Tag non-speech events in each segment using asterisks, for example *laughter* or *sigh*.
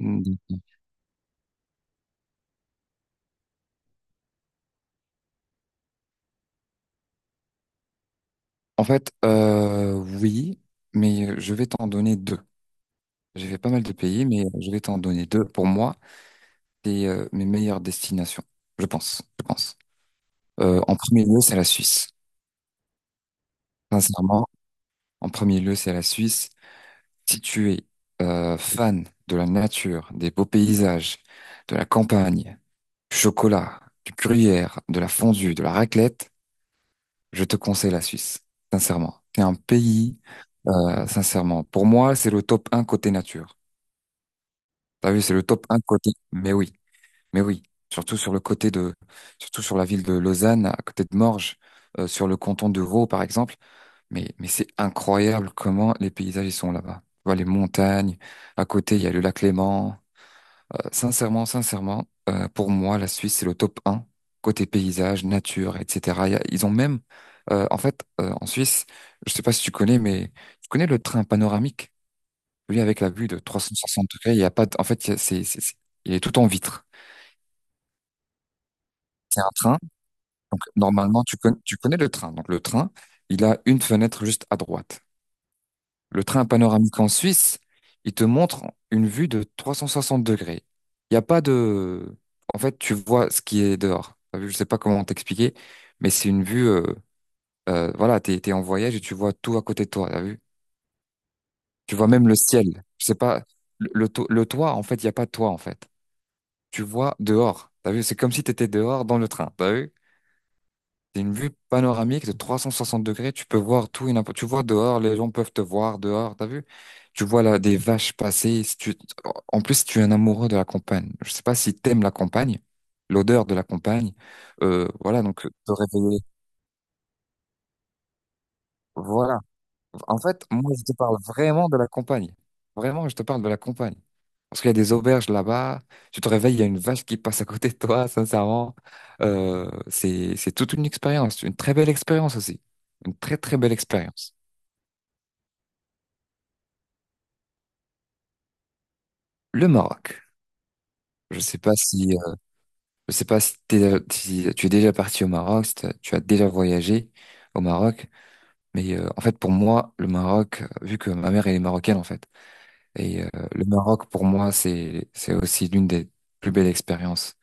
Mm. En fait, oui, mais je vais t'en donner deux. J'ai fait pas mal de pays, mais je vais t'en donner deux. Pour moi, c'est mes meilleures destinations, je pense, je pense. En premier lieu, c'est la Suisse. Sincèrement, en premier lieu, c'est la Suisse. Si tu es fan de la nature, des beaux paysages, de la campagne, du chocolat, du gruyère, de la fondue, de la raclette, je te conseille la Suisse, sincèrement. C'est un pays, sincèrement. Pour moi, c'est le top un côté nature. T'as vu, c'est le top un côté. Mais oui, mais oui. Surtout sur le côté de, surtout sur la ville de Lausanne, à côté de Morges, sur le canton de Vaud, par exemple. Mais c'est incroyable comment les paysages ils sont là-bas. Tu vois, les montagnes. À côté, il y a le lac Léman. Sincèrement, sincèrement, pour moi, la Suisse, c'est le top un côté paysage, nature, etc. Ils ont même, en fait, en Suisse, je sais pas si tu connais, mais tu connais le train panoramique? Lui, avec la vue de 360 degrés, il y a pas de- en fait, il y a- c'est- il est tout en vitre. C'est un train. Donc, normalement, tu connais le train. Donc, le train, il a une fenêtre juste à droite. Le train panoramique en Suisse, il te montre une vue de 360 degrés. Il n'y a pas de... En fait, tu vois ce qui est dehors. T'as vu? Je sais pas comment t'expliquer, mais c'est une vue, voilà, t'es en voyage et tu vois tout à côté de toi, t'as vu? Tu vois même le ciel. Je sais pas. Le toit, en fait, il n'y a pas de toit, en fait. Tu vois dehors. T'as vu? C'est comme si t'étais dehors dans le train. T'as vu? C'est une vue panoramique de 360 degrés. Tu peux voir tout et n'importe. Tu vois dehors, les gens peuvent te voir dehors. T'as vu? Tu vois là des vaches passer. Si tu... En plus, si tu es un amoureux de la campagne. Je sais pas si t'aimes la campagne, l'odeur de la campagne. Voilà, donc te réveiller. Voilà. En fait, moi, je te parle vraiment de la campagne. Vraiment, je te parle de la campagne. Parce qu'il y a des auberges là-bas. Tu te réveilles, il y a une vache qui passe à côté de toi, sincèrement. C'est toute une expérience, une très belle expérience aussi. Une très, très belle expérience. Le Maroc. Je sais pas si, si tu es déjà parti au Maroc, si t'as- tu as déjà voyagé au Maroc. Mais en fait, pour moi, le Maroc, vu que ma mère, elle est marocaine, en fait. Et le Maroc, pour moi, c'est aussi l'une des plus belles expériences,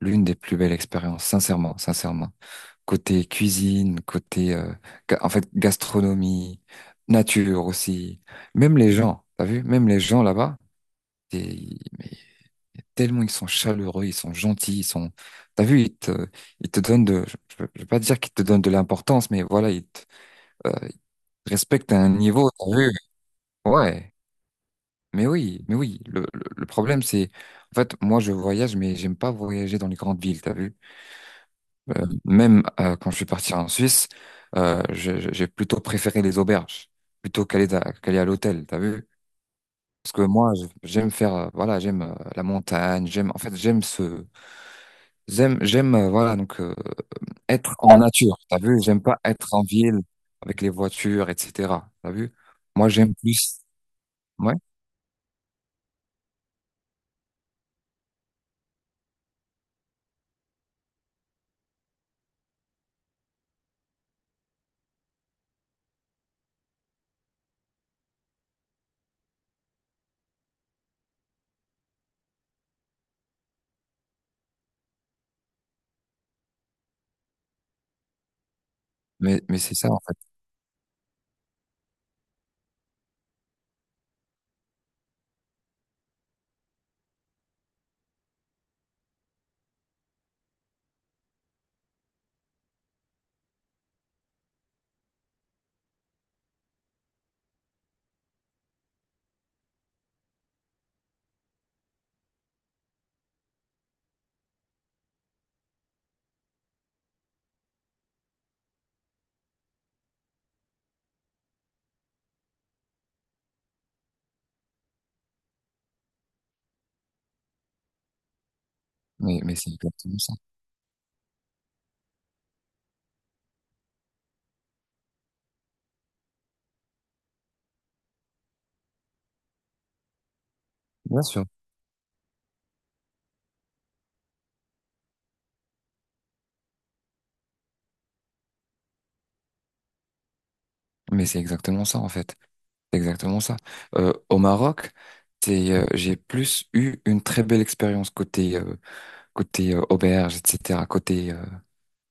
l'une des plus belles expériences, sincèrement, sincèrement. Côté cuisine, côté en fait gastronomie, nature aussi, même les gens, t'as vu, même les gens là-bas, c'est- mais tellement ils sont chaleureux, ils sont gentils, ils sont, t'as vu, ils te donnent de, je vais pas dire qu'ils te donnent de l'importance, mais voilà, ils te respectent à un niveau, t'as vu, ouais. Mais oui, le problème c'est, en fait, moi je voyage, mais j'aime pas voyager dans les grandes villes, t'as vu? Même quand je suis parti en Suisse, j'ai plutôt préféré les auberges, plutôt qu'aller à l'hôtel, t'as vu? Parce que moi, j'aime faire, voilà, j'aime la montagne, j'aime, en fait, j'aime ce, j'aime, j'aime, voilà, donc être en nature, t'as vu? J'aime pas être en ville avec les voitures, etc. T'as vu? Moi, j'aime plus. Ouais. Mais c'est ça, en fait. Mais c'est exactement ça. Bien sûr. Mais c'est exactement ça, en fait. C'est exactement ça. Au Maroc, j'ai plus eu une très belle expérience côté auberge, etc. Côté,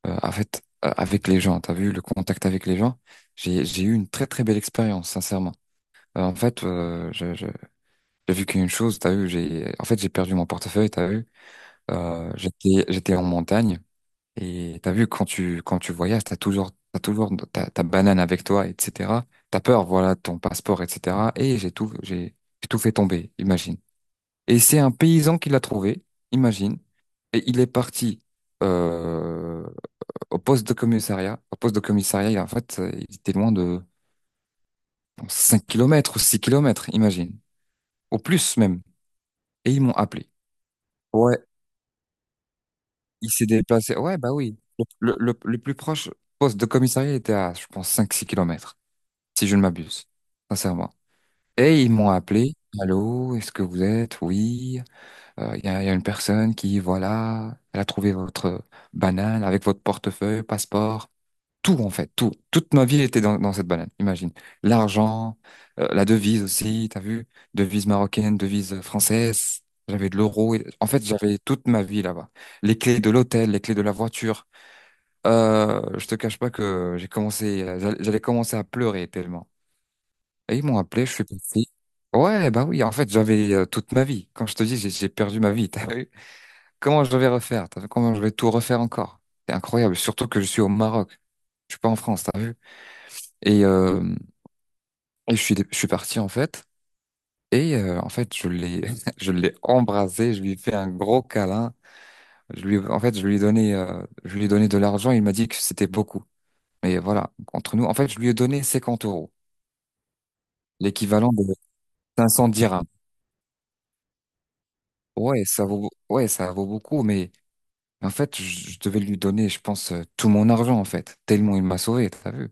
en fait, avec les gens. T'as vu le contact avec les gens? J'ai eu une très, très belle expérience, sincèrement. En fait, j'ai vu qu'une chose, t'as vu, j'ai, en fait, j'ai perdu mon portefeuille, t'as vu? J'étais en montagne et t'as vu quand tu voyages, t'as toujours ta banane avec toi, etc. T'as peur, voilà, ton passeport, etc. Et j'ai tout fait tomber, imagine. Et c'est un paysan qui l'a trouvé, imagine. Et il est parti euh, au poste de commissariat. Au poste de commissariat, en fait, il était loin de bon, 5 kilomètres ou 6 kilomètres, imagine. Au plus même. Et ils m'ont appelé. Il s'est déplacé. Ouais, bah oui. Le plus proche poste de commissariat était à, je pense, 5-6 kilomètres, si je ne m'abuse, sincèrement. Et ils m'ont appelé. Allô, est-ce que vous êtes? Oui. Il y a une personne qui, voilà, elle a trouvé votre banane avec votre portefeuille, passeport tout en fait, tout. Toute ma vie était dans cette banane, imagine. L'argent, la devise aussi, t'as vu? Devise marocaine, devise française. J'avais de l'euro. En fait, j'avais toute ma vie là-bas. Les clés de l'hôtel, les clés de la voiture. Je te cache pas que j'ai commencé, j'allais commencer à pleurer tellement. Et ils m'ont appelé, je suis parti. Ouais, bah oui, en fait, j'avais toute ma vie. Quand je te dis, j'ai perdu ma vie, t'as vu? Comment je vais refaire? T'as vu? Comment je vais tout refaire encore? C'est incroyable, surtout que je suis au Maroc. Je suis pas en France, t'as vu? Et, euh, et je suis parti en fait. Et en fait, *laughs* je l'ai embrassé, je lui ai fait un gros câlin. En fait, je lui ai donné de l'argent. Il m'a dit que c'était beaucoup. Mais voilà, entre nous, en fait, je lui ai donné 50 euros, l'équivalent de 500 dirhams. Ouais, ça vaut beaucoup. Mais en fait, je devais lui donner, je pense, tout mon argent en fait, tellement il m'a sauvé. T'as vu?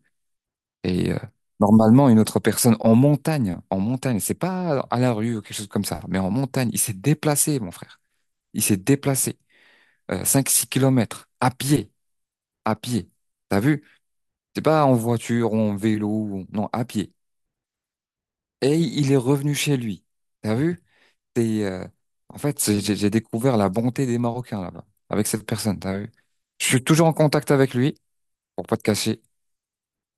Et normalement, une autre personne en montagne, c'est pas à la rue ou quelque chose comme ça, mais en montagne, il s'est déplacé, mon frère. Il s'est déplacé 5-6 kilomètres à pied, à pied. T'as vu? C'est pas en voiture, ou en vélo, non, à pied. Et il est revenu chez lui. T'as vu? C'est, euh, en fait, j'ai découvert la bonté des Marocains là-bas, avec cette personne, t'as vu? Je suis toujours en contact avec lui, pour pas te cacher.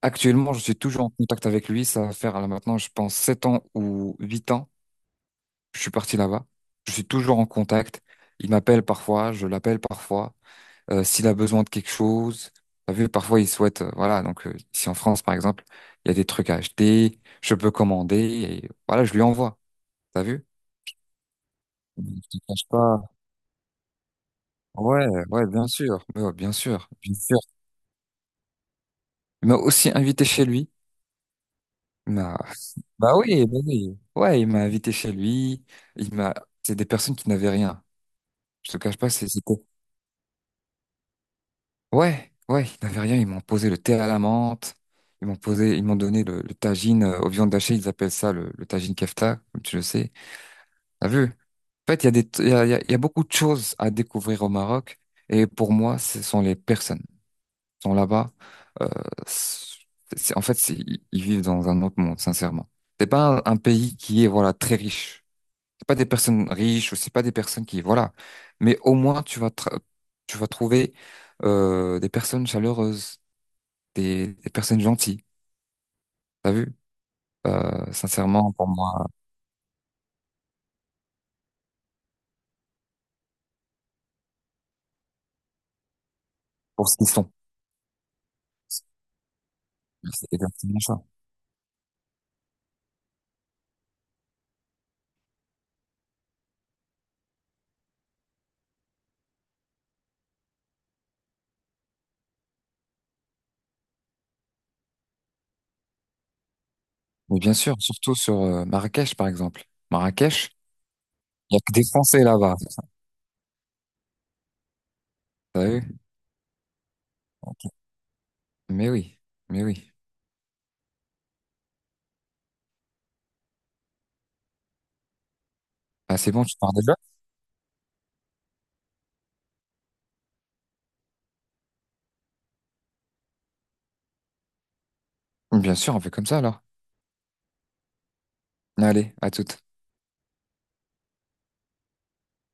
Actuellement, je suis toujours en contact avec lui. Ça va faire là maintenant, je pense, 7 ans ou 8 ans. Je suis parti là-bas. Je suis toujours en contact. Il m'appelle parfois, je l'appelle parfois. S'il a besoin de quelque chose, t'as vu, parfois il souhaite, voilà. Donc ici en France, par exemple, il y a des trucs à acheter, je peux commander et voilà, je lui envoie. T'as vu? Je te cache pas. Ouais, ouais, bien sûr, mais ouais, bien sûr, bien sûr. Il m'a aussi invité chez lui. Il m'a- *laughs* Bah oui, bah oui. Ouais, il m'a invité chez lui. Il m'a. C'est des personnes qui n'avaient rien. Je te cache pas, c'était. Ouais, ouais, ils n'avaient rien. Ils m'ont posé le thé à la menthe. Ils m'ont donné le tagine aux viandes hachées. Ils appellent ça le tagine kefta, comme tu le sais. T'as vu? En fait, il y a, il y a il y a beaucoup de choses à découvrir au Maroc. Et pour moi, ce sont les personnes. Ils sont là-bas. euh, c'est- en fait, ils vivent dans un autre monde, sincèrement. C'est pas un pays qui est, voilà, très riche. C'est pas des personnes riches ou c'est pas des personnes qui, voilà. Mais au moins, tu vas trouver des personnes chaleureuses, des personnes gentilles, t'as vu? Sincèrement, pour moi, pour ce qu'ils sont. C'est exactement ça. Mais bien sûr, surtout sur Marrakech, par exemple. Marrakech, il n'y a que des Français là-bas, t'as vu? Mais oui, mais oui. Ah, c'est bon, tu pars déjà? Bien sûr, on fait comme ça alors. Allez, à toute.